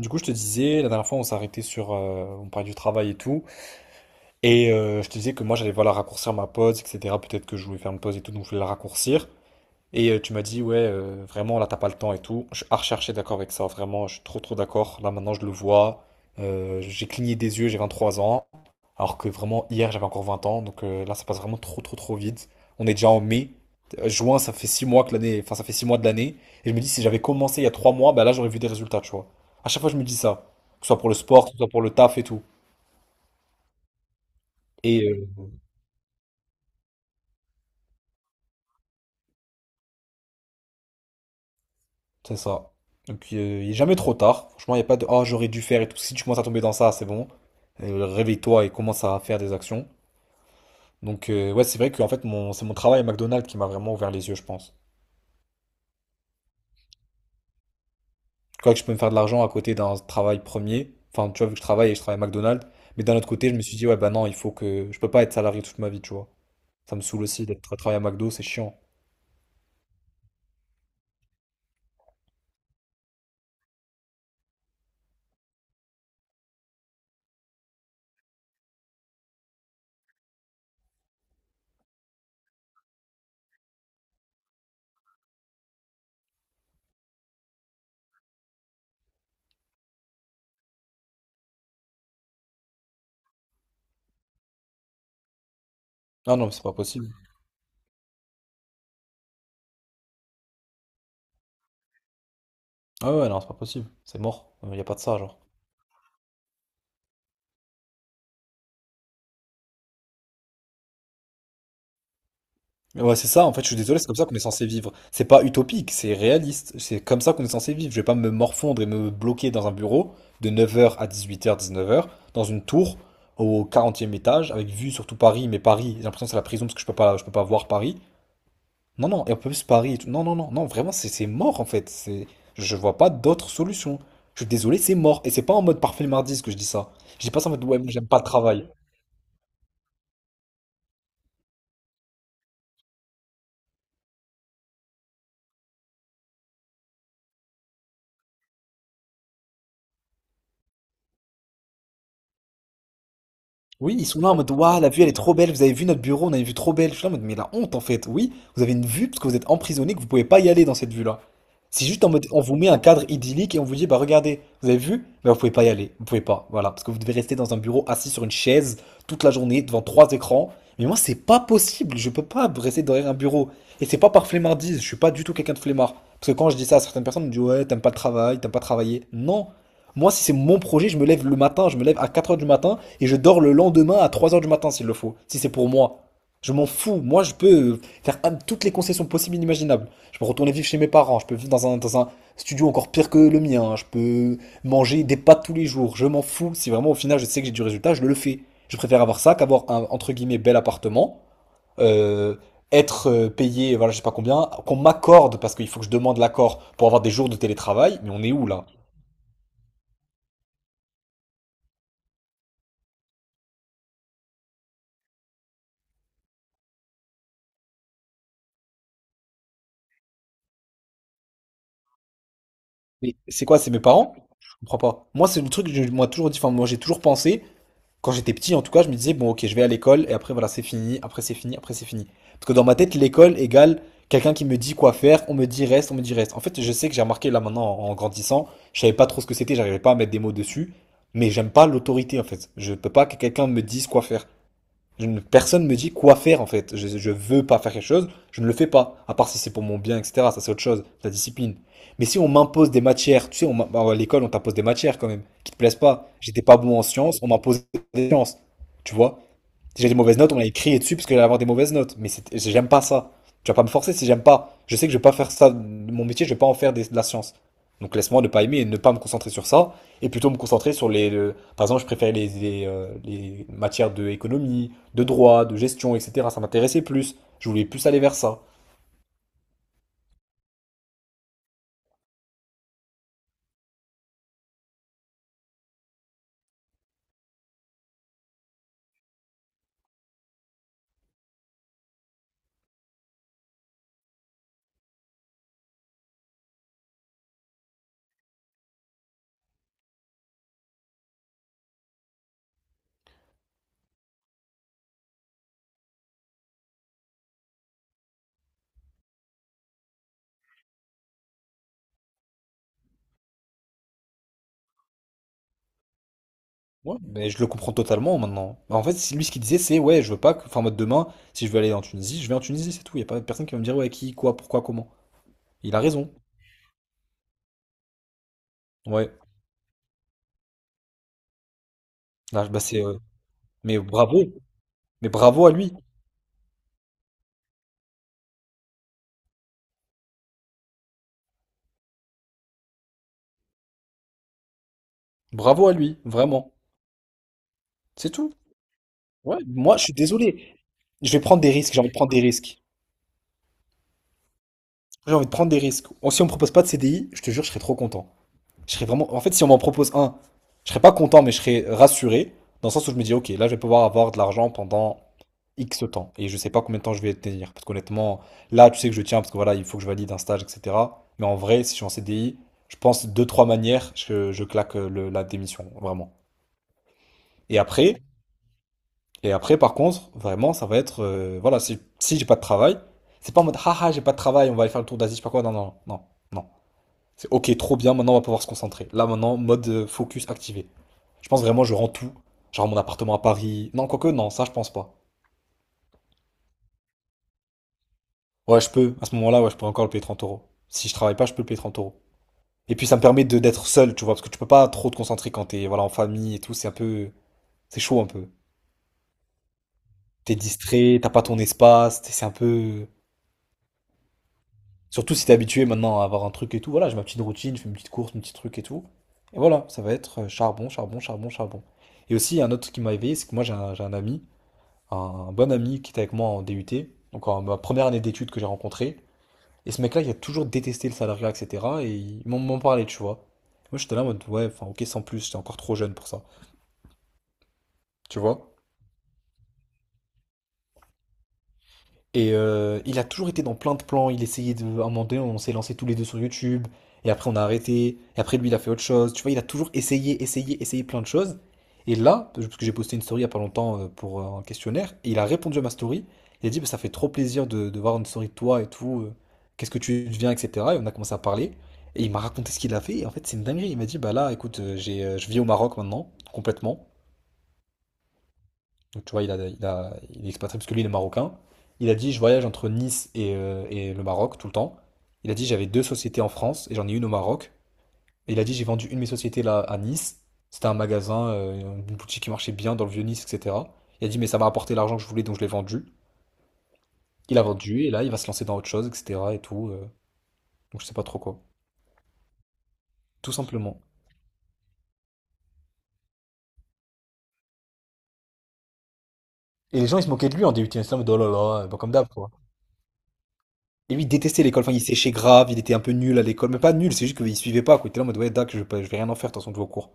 Du coup, je te disais, la dernière fois, on s'est arrêté sur, on parlait du travail et tout, et je te disais que moi, j'allais voilà raccourcir ma pause, etc. Peut-être que je voulais faire une pause et tout, donc je voulais la raccourcir. Et tu m'as dit, ouais, vraiment, là, t'as pas le temps et tout. Je suis à rechercher d'accord avec ça, vraiment, je suis trop, trop d'accord. Là, maintenant, je le vois. J'ai cligné des yeux, j'ai 23 ans. Alors que vraiment, hier, j'avais encore 20 ans. Donc là, ça passe vraiment trop, trop, trop vite. On est déjà en mai. Juin, ça fait 6 mois que l'année. Enfin, ça fait 6 mois de l'année. Et je me dis, si j'avais commencé il y a 3 mois, bah là, j'aurais vu des résultats, tu vois. À chaque fois, je me dis ça. Que ce soit pour le sport, que ce soit pour le taf et tout. Et c'est ça. Donc, il n'est jamais trop tard. Franchement, il n'y a pas de oh, j'aurais dû faire et tout. Si tu commences à tomber dans ça, c'est bon. Réveille-toi et commence à faire des actions. Donc, ouais, c'est vrai que en fait, mon... c'est mon travail à McDonald's qui m'a vraiment ouvert les yeux, je pense. Je crois que je peux me faire de l'argent à côté d'un travail premier. Enfin, tu vois, vu que je travaille et je travaille à McDonald's. Mais d'un autre côté, je me suis dit, ouais, bah non, il faut que. Je peux pas être salarié toute ma vie, tu vois. Ça me saoule aussi d'être à travailler à McDo, c'est chiant. Ah non, mais c'est pas possible. Ah ouais, non, c'est pas possible. C'est mort. Il y a pas de ça, genre. Mais ouais, c'est ça, en fait, je suis désolé, c'est comme ça qu'on est censé vivre. C'est pas utopique, c'est réaliste. C'est comme ça qu'on est censé vivre. Je vais pas me morfondre et me bloquer dans un bureau de 9 heures à 18 h, 19 heures, dans une tour au 40e étage, avec vue sur tout Paris, mais Paris, j'ai l'impression que c'est la prison parce que je peux pas voir Paris. Non, non, et en plus Paris et tout. Non, non, non, non, vraiment, c'est mort en fait. C'est, je vois pas d'autre solution. Je suis désolé, c'est mort. Et c'est pas en mode parfait le mardi ce que je dis ça. Je dis pas ça en mode, ouais, moi j'aime pas le travail. Oui, ils sont là en mode Waouh, la vue elle est trop belle, vous avez vu notre bureau, on a une vue trop belle. Je suis là en mode Mais la honte en fait, oui, vous avez une vue parce que vous êtes emprisonné, que vous pouvez pas y aller dans cette vue-là. C'est juste en mode On vous met un cadre idyllique et on vous dit Bah regardez, vous avez vu, mais vous pouvez pas y aller, vous pouvez pas, voilà, parce que vous devez rester dans un bureau assis sur une chaise toute la journée devant trois écrans. Mais moi, c'est pas possible, je peux pas rester derrière un bureau. Et c'est pas par flemmardise, je suis pas du tout quelqu'un de flemmard. Parce que quand je dis ça à certaines personnes, on me dit Ouais, t'aimes pas le travail, t'aimes pas travailler. Non, moi, si c'est mon projet, je me lève le matin, je me lève à 4 heures du matin et je dors le lendemain à 3 heures du matin s'il le faut, si c'est pour moi. Je m'en fous. Moi, je peux faire toutes les concessions possibles et inimaginables. Je peux retourner vivre chez mes parents, je peux vivre dans un studio encore pire que le mien, je peux manger des pâtes tous les jours. Je m'en fous. Si vraiment au final je sais que j'ai du résultat, je le fais. Je préfère avoir ça qu'avoir un entre guillemets bel appartement, euh, être payé, voilà, je sais pas combien, qu'on m'accorde parce qu'il faut que je demande l'accord pour avoir des jours de télétravail. Mais on est où là? Mais c'est quoi, c'est mes parents? Je comprends pas. Moi, c'est le truc que moi toujours dit, enfin, moi j'ai toujours pensé, quand j'étais petit en tout cas, je me disais, bon, ok, je vais à l'école et après, voilà, c'est fini, après, c'est fini, après, c'est fini. Parce que dans ma tête, l'école égale quelqu'un qui me dit quoi faire, on me dit reste, on me dit reste. En fait, je sais que j'ai remarqué là maintenant en grandissant, je savais pas trop ce que c'était, j'arrivais pas à mettre des mots dessus, mais j'aime pas l'autorité en fait. Je peux pas que quelqu'un me dise quoi faire. Je ne- personne me dit quoi faire en fait. Je veux pas faire quelque chose, je ne le fais pas. À part si c'est pour mon bien, etc. Ça c'est autre chose, la discipline. Mais si on m'impose des matières, tu sais, bah, à l'école on t'impose des matières quand même, qui te plaisent pas. J'étais pas bon en sciences, on m'imposait des sciences. Tu vois? Si j'ai des mauvaises notes, on allait crier dessus parce que j'allais avoir des mauvaises notes. Mais j'aime pas ça. Tu vas pas me forcer si j'aime pas. Je sais que je vais pas faire ça. Mon métier, je vais pas en faire de la science. Donc laisse-moi ne pas aimer et ne pas me concentrer sur ça. Et plutôt me concentrer sur les. Par exemple, je préférais les matières de économie, de droit, de gestion, etc. Ça m'intéressait plus. Je voulais plus aller vers ça. Ouais, mais je le comprends totalement maintenant. En fait, c'est lui ce qu'il disait, c'est ouais, je veux pas que. Enfin, en mode demain, si je veux aller en Tunisie, je vais en Tunisie, c'est tout. Il y a pas personne qui va me dire ouais, qui, quoi, pourquoi, comment. Il a raison. Ouais. Là, bah, c'est. Mais bravo, mais bravo à lui, vraiment. C'est tout. Ouais, moi je suis désolé. Je vais prendre des risques, j'ai envie de prendre des risques. J'ai envie de prendre des risques. Oh, si on me propose pas de CDI, je te jure, je serais trop content. Je serais vraiment. En fait, si on m'en propose un, je serais pas content, mais je serais rassuré, dans le sens où je me dis, ok, là je vais pouvoir avoir de l'argent pendant X temps. Et je sais pas combien de temps je vais tenir. Parce qu'honnêtement, là tu sais que je tiens, parce que voilà, il faut que je valide un stage, etc. Mais en vrai, si je suis en CDI, je pense deux, trois manières, je claque la démission, vraiment. Et après. Et après, par contre, vraiment, ça va être. Voilà, si j'ai pas de travail, c'est pas en mode haha, j'ai pas de travail, on va aller faire le tour d'Asie, je sais pas quoi. Non, non, non, non. C'est ok, trop bien, maintenant on va pouvoir se concentrer. Là, maintenant, mode focus activé. Je pense vraiment, je rends tout. Genre mon appartement à Paris. Non, quoique, non, ça, je pense pas. Ouais, je peux. À ce moment-là, ouais, je peux encore le payer 30 euros. Si je travaille pas, je peux le payer 30 euros. Et puis, ça me permet de d'être seul, tu vois, parce que tu peux pas trop te concentrer quand t'es voilà, en famille et tout. C'est un peu. C'est chaud un peu. T'es distrait, t'as pas ton espace, c'est un peu. Surtout si t'es habitué maintenant à avoir un truc et tout. Voilà, j'ai ma petite routine, je fais une petite course, mon petit truc et tout. Et voilà, ça va être charbon, charbon, charbon, charbon. Et aussi, il y a un autre truc qui m'a éveillé, c'est que moi j'ai un bon ami qui était avec moi en DUT, donc en ma première année d'études que j'ai rencontré. Et ce mec-là, il a toujours détesté le salariat, etc. Et il m'en parlait, tu vois. Moi j'étais là en mode, ouais, enfin ok, sans plus, j'étais encore trop jeune pour ça. Tu vois? Et il a toujours été dans plein de plans. Il essayait de. À un moment donné, on s'est lancé tous les deux sur YouTube. Et après, on a arrêté. Et après, lui, il a fait autre chose. Tu vois, il a toujours essayé, essayé, essayé plein de choses. Et là, parce que j'ai posté une story il y a pas longtemps pour un questionnaire, et il a répondu à ma story. Il a dit, Bah, ça fait trop plaisir de voir une story de toi et tout. Qu'est-ce que tu deviens, etc. Et on a commencé à parler. Et il m'a raconté ce qu'il a fait. Et en fait, c'est une dinguerie. Il m'a dit, bah là, écoute, je vis au Maroc maintenant, complètement. Donc tu vois, il est expatrié parce que lui, il est marocain. Il a dit, je voyage entre Nice et le Maroc tout le temps. Il a dit, j'avais deux sociétés en France et j'en ai une au Maroc. Et il a dit, j'ai vendu une de mes sociétés là à Nice. C'était un magasin, une boutique qui marchait bien dans le vieux Nice, etc. Il a dit, mais ça m'a rapporté l'argent que je voulais, donc je l'ai vendu. Il a vendu et là, il va se lancer dans autre chose, etc. Et tout. Donc je sais pas trop quoi. Tout simplement. Et les gens, ils se moquaient de lui en DUT. Ils étaient en mode, oh là là, bah, comme d'hab, quoi. Et lui, il détestait l'école. Enfin, il séchait grave, il était un peu nul à l'école. Mais pas nul, c'est juste qu'il suivait pas, quoi. Il était là en mode, ouais, dac, je vais rien en faire, de toute façon, je vais au cours.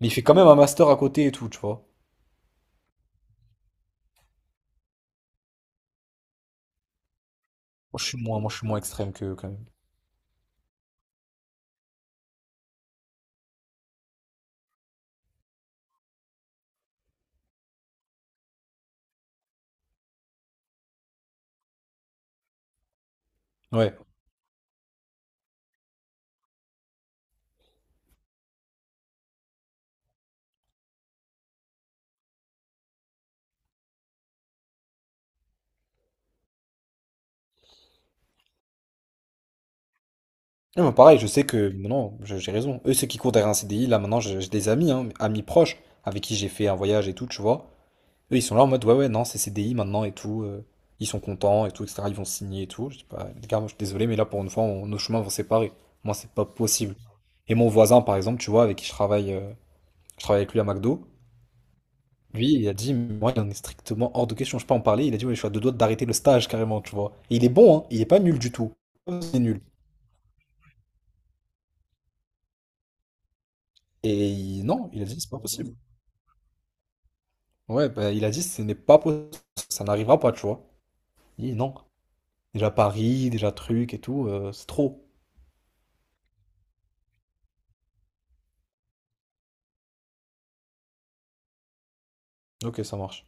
Mais il fait quand même un master à côté et tout, tu vois. Moi, je suis moins extrême que quand même. Ouais. Non, mais pareil, je sais que, non, j'ai raison. Eux, ceux qui courent derrière un CDI, là, maintenant, j'ai des amis, hein, amis proches, avec qui j'ai fait un voyage et tout, tu vois. Eux, ils sont là en mode, ouais, ouais, non, c'est CDI maintenant et tout. Ils sont contents et tout, etc. Ils vont signer et tout. Je dis pas, les gars, moi, je suis désolé, mais là, pour une fois, nos chemins vont séparer. Moi, c'est pas possible. Et mon voisin, par exemple, tu vois, avec qui je travaille. Je travaille avec lui à McDo. Lui, il a dit, moi, il en est strictement hors de question, je peux pas en parler. Il a dit, ouais, je suis à deux doigts d'arrêter le stage carrément, tu vois. Et il est bon, hein, il est pas nul du tout. C'est nul. Et non, il a dit, c'est pas possible. Ouais, bah, il a dit, ce n'est pas possible, ça n'arrivera pas, tu vois. Il dit, non. Déjà Paris, déjà truc et tout, c'est trop. Ok, ça marche.